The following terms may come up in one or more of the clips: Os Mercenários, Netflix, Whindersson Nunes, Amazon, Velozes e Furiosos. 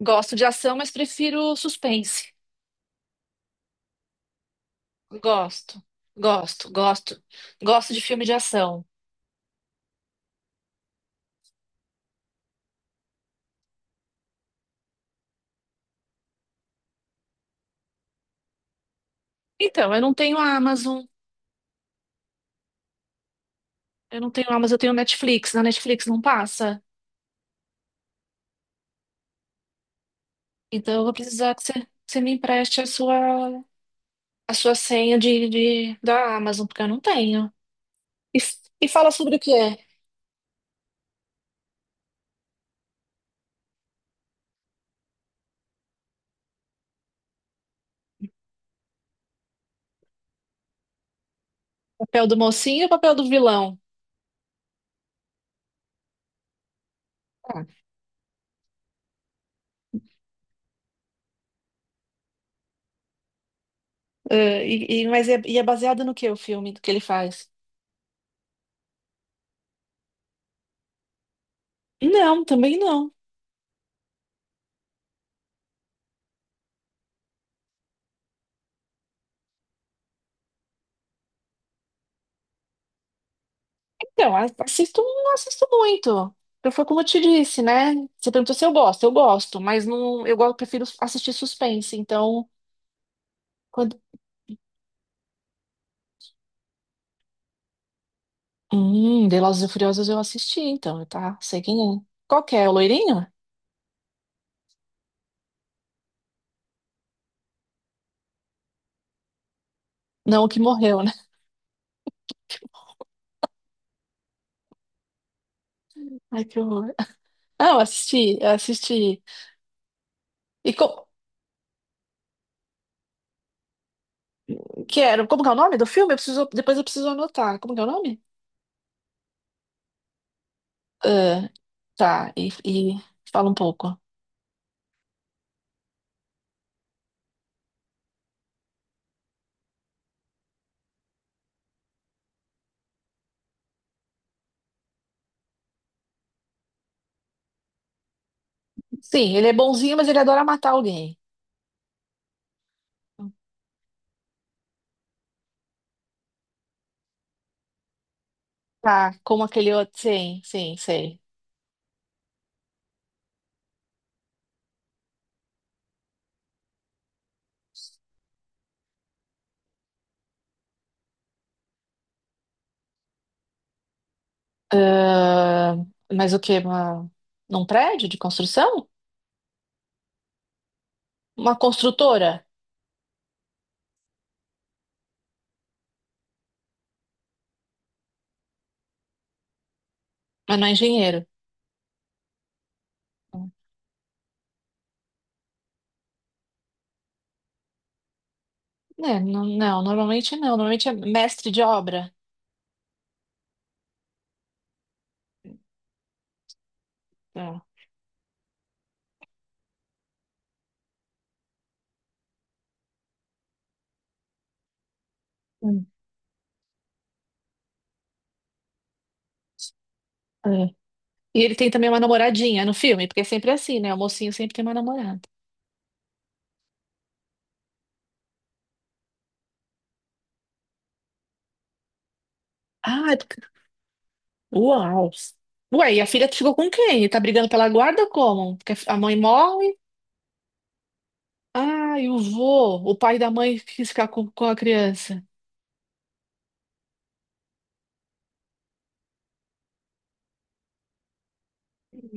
Gosto de ação, mas prefiro suspense. Gosto, gosto, gosto. Gosto de filme de ação. Então, eu não tenho Amazon. Eu não tenho Amazon, eu tenho Netflix. Na Netflix não passa. Então, eu vou precisar que você me empreste a sua senha da Amazon, porque eu não tenho. E, e fala sobre o que é? Papel do mocinho ou papel do vilão? Ah, mas é, e é baseado no que o filme, do que ele faz? Não, também não. Então, assisto, não assisto muito. Eu foi como eu te disse, né? Você perguntou se eu gosto, eu gosto, mas não, eu gosto, prefiro assistir suspense. Então, quando, Velozes e Furiosos eu assisti, então, tá? Sei quem é. Qual que é? O loirinho? Não, o que morreu, né? Ai, que horror. Ah, eu assisti, eu assisti. E co que era, como que é o nome do filme? Eu preciso, depois eu preciso anotar. Como que é o nome? Ah, tá, e fala um pouco. Sim, ele é bonzinho, mas ele adora matar alguém. Tá, como aquele outro. Sim, sim, sei. Ah, mas o quê? Uma, num prédio de construção? Uma construtora, mas não é engenheiro. É, não, não, normalmente não. Normalmente é mestre de obra. É. Hum. É. E ele tem também uma namoradinha no filme, porque é sempre assim, né? O mocinho sempre tem uma namorada. Ah, é porque- uau! Ué, e a filha ficou com quem? E tá brigando pela guarda como? Porque a mãe morre? Ah, e o vô, o pai da mãe quis ficar com a criança.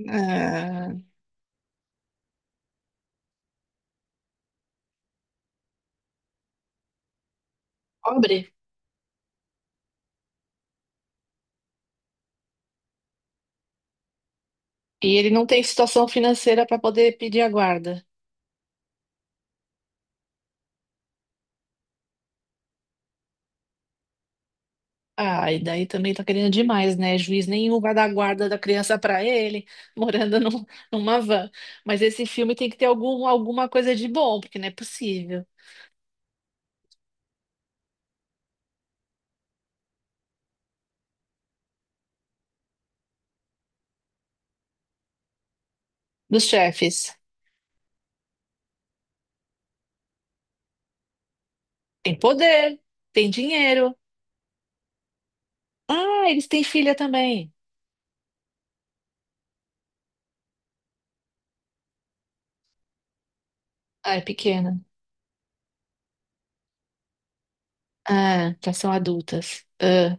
Ah, pobre. E ele não tem situação financeira para poder pedir a guarda. Ah, e daí também tá querendo demais, né? Juiz nenhum vai dar guarda da criança para ele, morando numa van. Mas esse filme tem que ter algum, alguma coisa de bom, porque não é possível. Dos chefes. Tem poder, tem dinheiro. Ah, eles têm filha também. Ah, é pequena. Ah, já são adultas. Ah,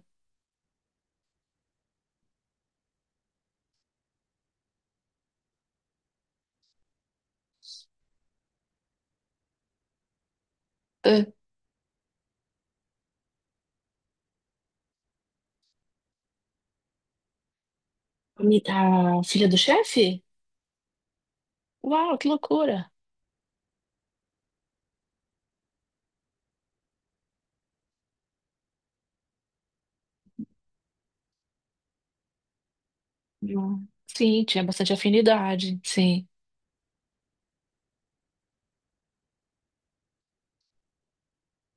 ah. A filha do chefe? Uau, que loucura. Hum. Sim, tinha bastante afinidade, sim.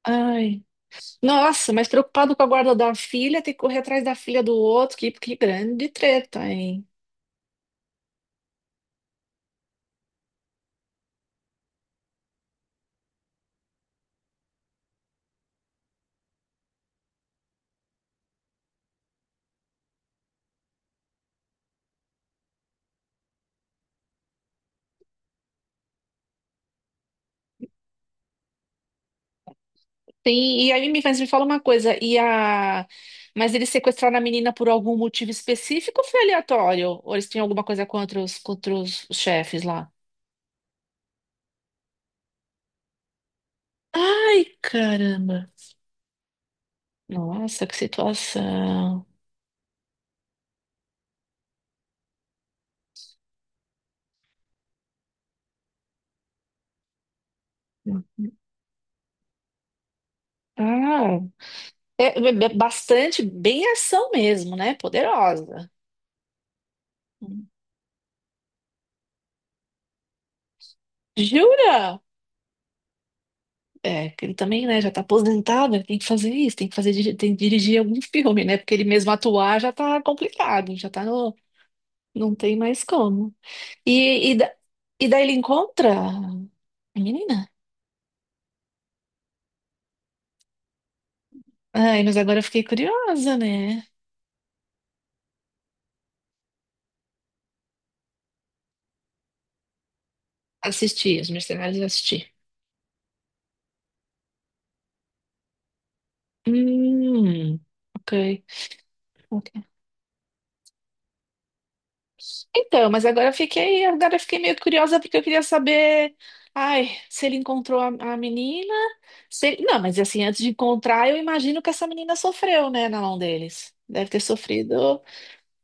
Ai. Nossa, mas preocupado com a guarda da filha, tem que correr atrás da filha do outro, que grande treta, hein? Tem, e aí mas me fala uma coisa, e a... mas eles sequestraram a menina por algum motivo específico ou foi aleatório? Ou eles tinham alguma coisa contra os, contra os chefes lá? Ai, caramba! Nossa, que situação! Ah, é, é bastante, bem ação mesmo, né? Poderosa. Jura? É, que ele também, né, já tá aposentado, ele tem que fazer isso, tem que fazer, tem que dirigir algum filme, né? Porque ele mesmo atuar já tá complicado, já tá no, não tem mais como. E, e, da- e daí ele encontra a menina. Ai, mas agora eu fiquei curiosa, né? Assisti, Os Mercenários eu assisti. Hum, ok. Ok. Então, mas agora eu fiquei meio curiosa porque eu queria saber, ai, se ele encontrou a menina, se ele- não, mas assim, antes de encontrar, eu imagino que essa menina sofreu, né, na mão deles. Deve ter sofrido.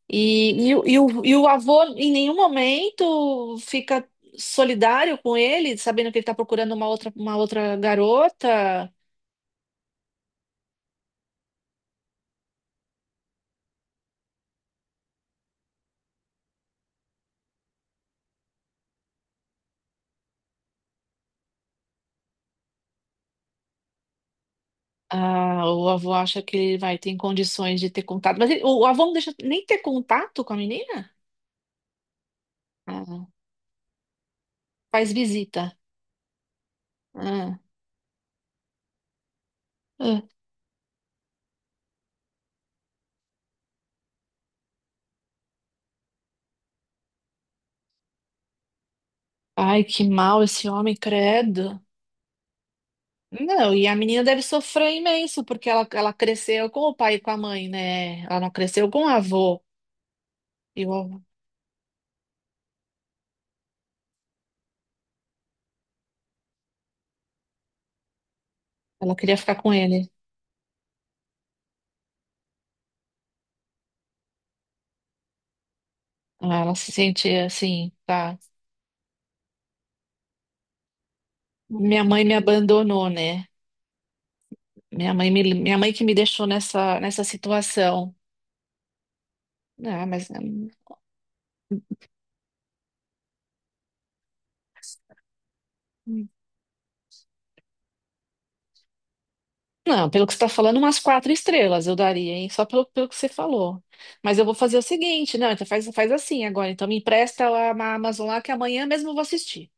E, o, e o avô em nenhum momento fica solidário com ele, sabendo que ele está procurando uma outra garota. Ah, o avô acha que ele vai ter condições de ter contato. Mas o avô não deixa nem ter contato com a menina? Ah, faz visita. É, é. Ai, que mal esse homem, credo. Não, e a menina deve sofrer imenso, porque ela cresceu com o pai e com a mãe, né? Ela não cresceu com o avô. E o- ela queria ficar com ele. Ah, ela se sente assim, tá? Minha mãe me abandonou, né? Minha mãe, minha mãe que me deixou nessa, nessa situação. Ah, mas hum, não, pelo que você está falando, umas quatro estrelas eu daria, hein? Só pelo, pelo que você falou. Mas eu vou fazer o seguinte, não, então faz, faz assim agora. Então me empresta a Amazon lá que amanhã mesmo eu vou assistir.